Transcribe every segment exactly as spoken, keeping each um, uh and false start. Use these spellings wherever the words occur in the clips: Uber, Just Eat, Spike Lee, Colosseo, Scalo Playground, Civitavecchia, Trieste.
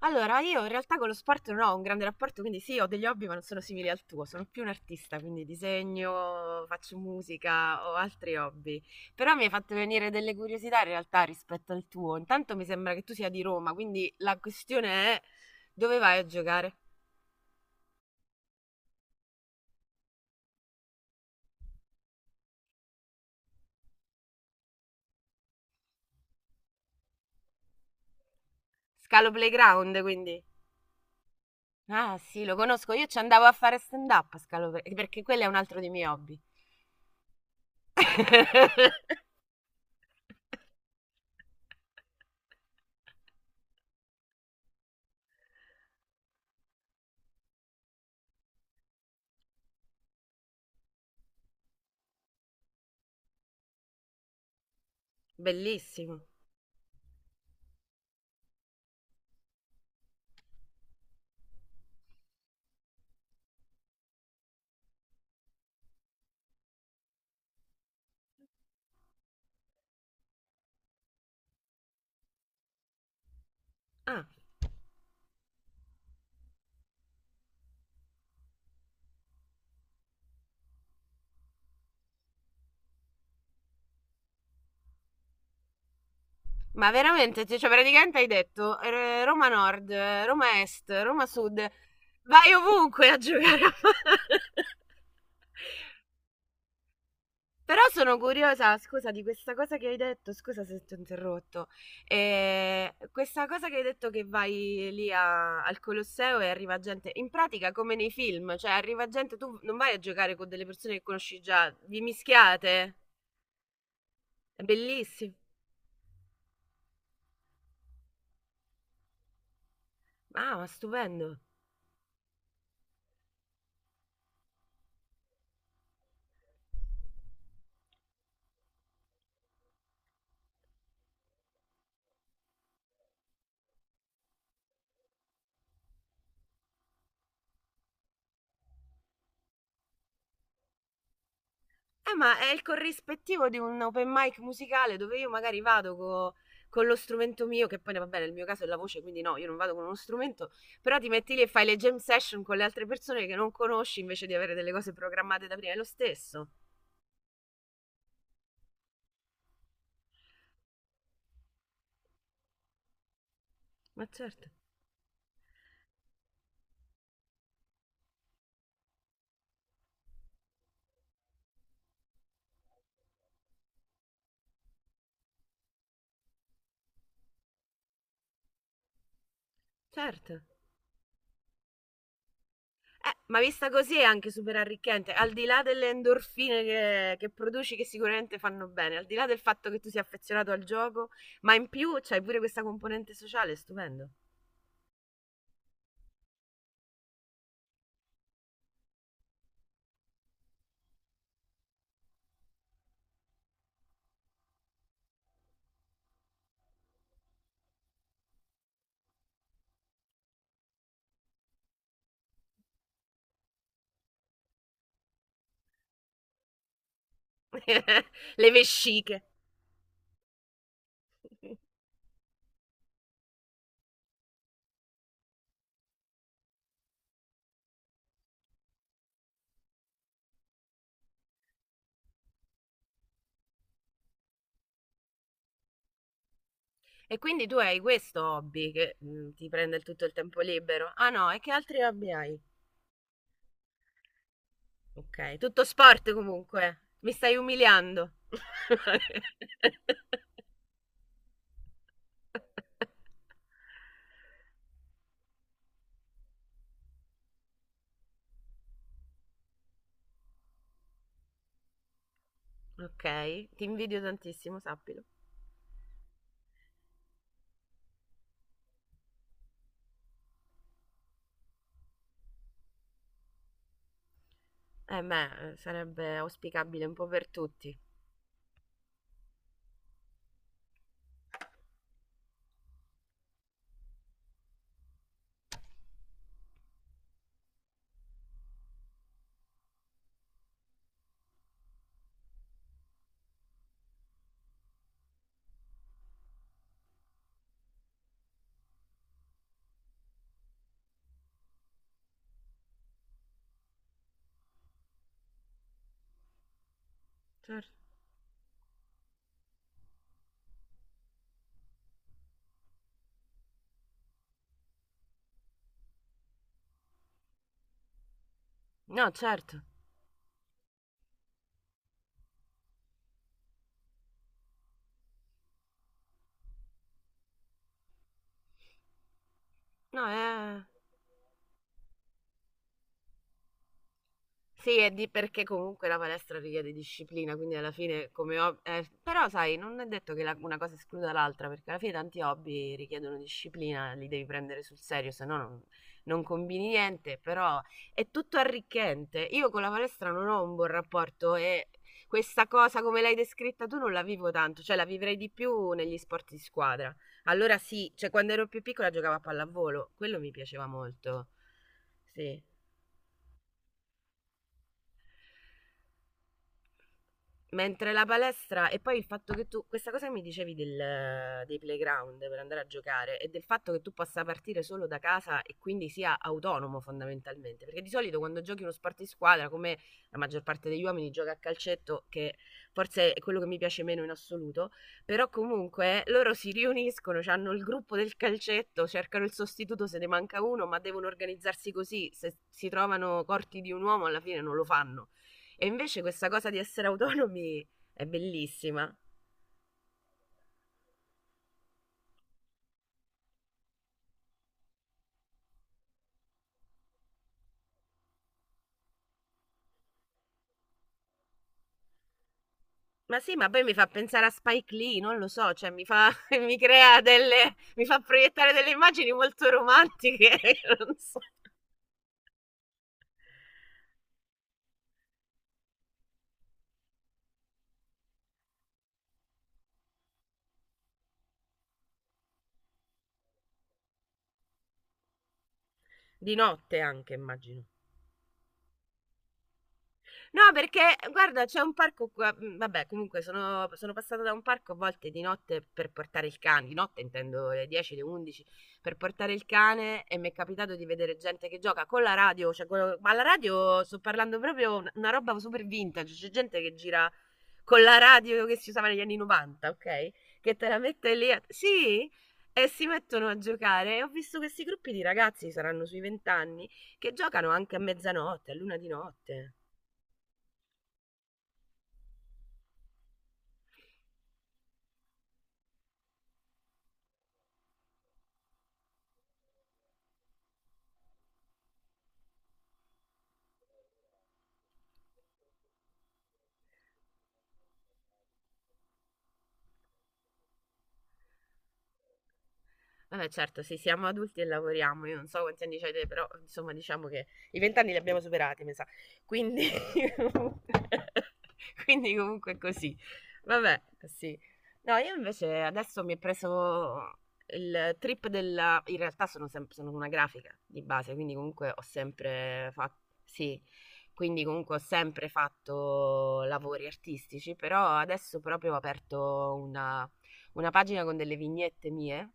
Allora, io in realtà con lo sport non ho un grande rapporto, quindi sì, ho degli hobby, ma non sono simili al tuo. Sono più un artista, quindi disegno, faccio musica, ho altri hobby. Però mi hai fatto venire delle curiosità in realtà rispetto al tuo. Intanto mi sembra che tu sia di Roma, quindi la questione è dove vai a giocare? Scalo Playground, quindi. Ah, sì, lo conosco. Io ci andavo a fare stand-up a Scalo Playground, perché quello è un altro dei miei hobby. Bellissimo. Ah, ma veramente, cioè, cioè, praticamente hai detto eh, Roma Nord, eh, Roma Est, Roma Sud, vai ovunque a giocare a palla. Però sono curiosa, scusa, di questa cosa che hai detto, scusa se ti ho interrotto. Eh, questa cosa che hai detto che vai lì a- al Colosseo e arriva gente, in pratica come nei film, cioè arriva gente, tu non vai a giocare con delle persone che conosci già, vi mischiate, è bellissimo, ah, ma stupendo. Eh, ma è il corrispettivo di un open mic musicale dove io magari vado co- con lo strumento mio, che poi vabbè, nel mio caso è la voce, quindi no, io non vado con uno strumento, però ti metti lì e fai le jam session con le altre persone che non conosci invece di avere delle cose programmate da prima, è lo stesso. Ma certo, certo. Eh, ma vista così è anche super arricchente, al di là delle endorfine che, che produci che sicuramente fanno bene, al di là del fatto che tu sia affezionato al gioco, ma in più c'hai pure questa componente sociale, stupendo. Le vesciche. E quindi tu hai questo hobby che mm, ti prende il- tutto il tempo libero? Ah no, e che altri hobby hai? Ok, tutto sport comunque. Mi stai umiliando. Ok, ti invidio tantissimo, sappilo. Eh beh, eh, sarebbe auspicabile un po' per tutti. Certo. No, certo. No, è... Sì, è di perché comunque la palestra richiede disciplina, quindi alla fine come hobby... eh, però sai, non è detto che la- una cosa escluda l'altra, perché alla fine tanti hobby richiedono disciplina, li devi prendere sul serio, se no non, non combini niente, però è tutto arricchente. Io con la palestra non ho un buon rapporto e questa cosa come l'hai descritta tu non la vivo tanto, cioè la vivrei di più negli sport di squadra. Allora sì, cioè quando ero più piccola giocavo a pallavolo, quello mi piaceva molto. Sì. Mentre la palestra, e poi il fatto che tu, questa cosa che mi dicevi del- dei playground per andare a giocare e del fatto che tu possa partire solo da casa e quindi sia autonomo fondamentalmente, perché di solito quando giochi uno sport di squadra, come la maggior parte degli uomini gioca a calcetto, che forse è quello che mi piace meno in assoluto, però comunque loro si riuniscono, hanno il gruppo del calcetto, cercano il sostituto se ne manca uno, ma devono organizzarsi così, se si trovano corti di un uomo alla fine non lo fanno. E invece questa cosa di essere autonomi è bellissima. Ma sì, ma poi mi fa pensare a Spike Lee, non lo so, cioè mi fa, mi crea delle, mi fa proiettare delle immagini molto romantiche, non so. Di notte anche, immagino. No, perché guarda, c'è un parco qua. mm, Vabbè, comunque sono, sono passata da un parco a volte di notte per portare il cane. Di notte intendo le dieci, le undici per portare il cane e mi è capitato di vedere gente che gioca con la radio. Cioè, con- ma la radio sto parlando proprio una, una roba super vintage. C'è gente che gira con la radio che si usava negli anni novanta, ok? Che te la mette lì. a- Sì. E si mettono a giocare. E ho visto questi gruppi di ragazzi, saranno sui venti anni, che giocano anche a mezzanotte, a luna di notte. Vabbè, certo, sì, siamo adulti e lavoriamo. Io non so quanti anni avete, però insomma, diciamo che i vent'anni li abbiamo superati, mi sa. Quindi, quindi comunque è così. Vabbè, sì. No, io invece adesso mi è preso il trip della... In realtà sono, sem- sono una grafica di base, quindi comunque ho sempre fatto... Sì, quindi comunque ho sempre fatto lavori artistici, però adesso proprio ho aperto una, una pagina con delle vignette mie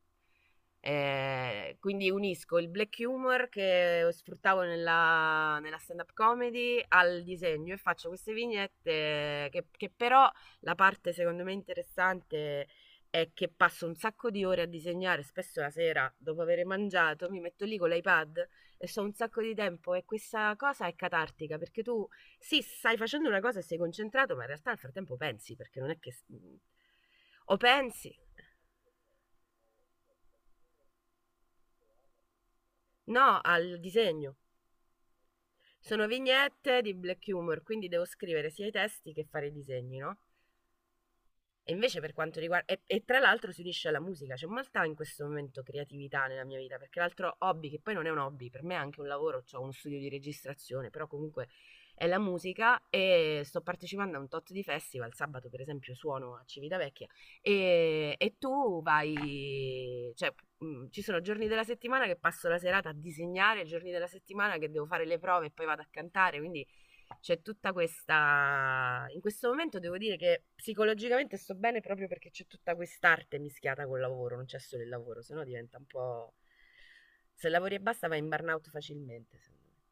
eh, quindi unisco il black humor che sfruttavo nella, nella stand-up comedy al disegno e faccio queste vignette che, che però la parte secondo me interessante è che passo un sacco di ore a disegnare, spesso la sera dopo aver mangiato mi metto lì con l'iPad e so un sacco di tempo e questa cosa è catartica perché tu sì, stai facendo una cosa e sei concentrato, ma in realtà nel frattempo pensi perché non è che o pensi no al disegno. Sono vignette di black humor, quindi devo scrivere sia i testi che fare i disegni, no? E invece per quanto riguarda... E, e tra l'altro si unisce alla musica, c'è molta in questo momento creatività nella mia vita, perché l'altro hobby, che poi non è un hobby, per me è anche un lavoro, ho uno studio di registrazione, però comunque è la musica e sto partecipando a un tot di festival, sabato per esempio suono a Civitavecchia e, e tu vai, cioè mh, ci sono giorni della settimana che passo la serata a disegnare, giorni della settimana che devo fare le prove e poi vado a cantare, quindi c'è tutta questa... In questo momento devo dire che psicologicamente sto bene proprio perché c'è tutta quest'arte mischiata col lavoro, non c'è solo il lavoro, sennò diventa un po'... Se lavori e basta vai in burnout facilmente, secondo me.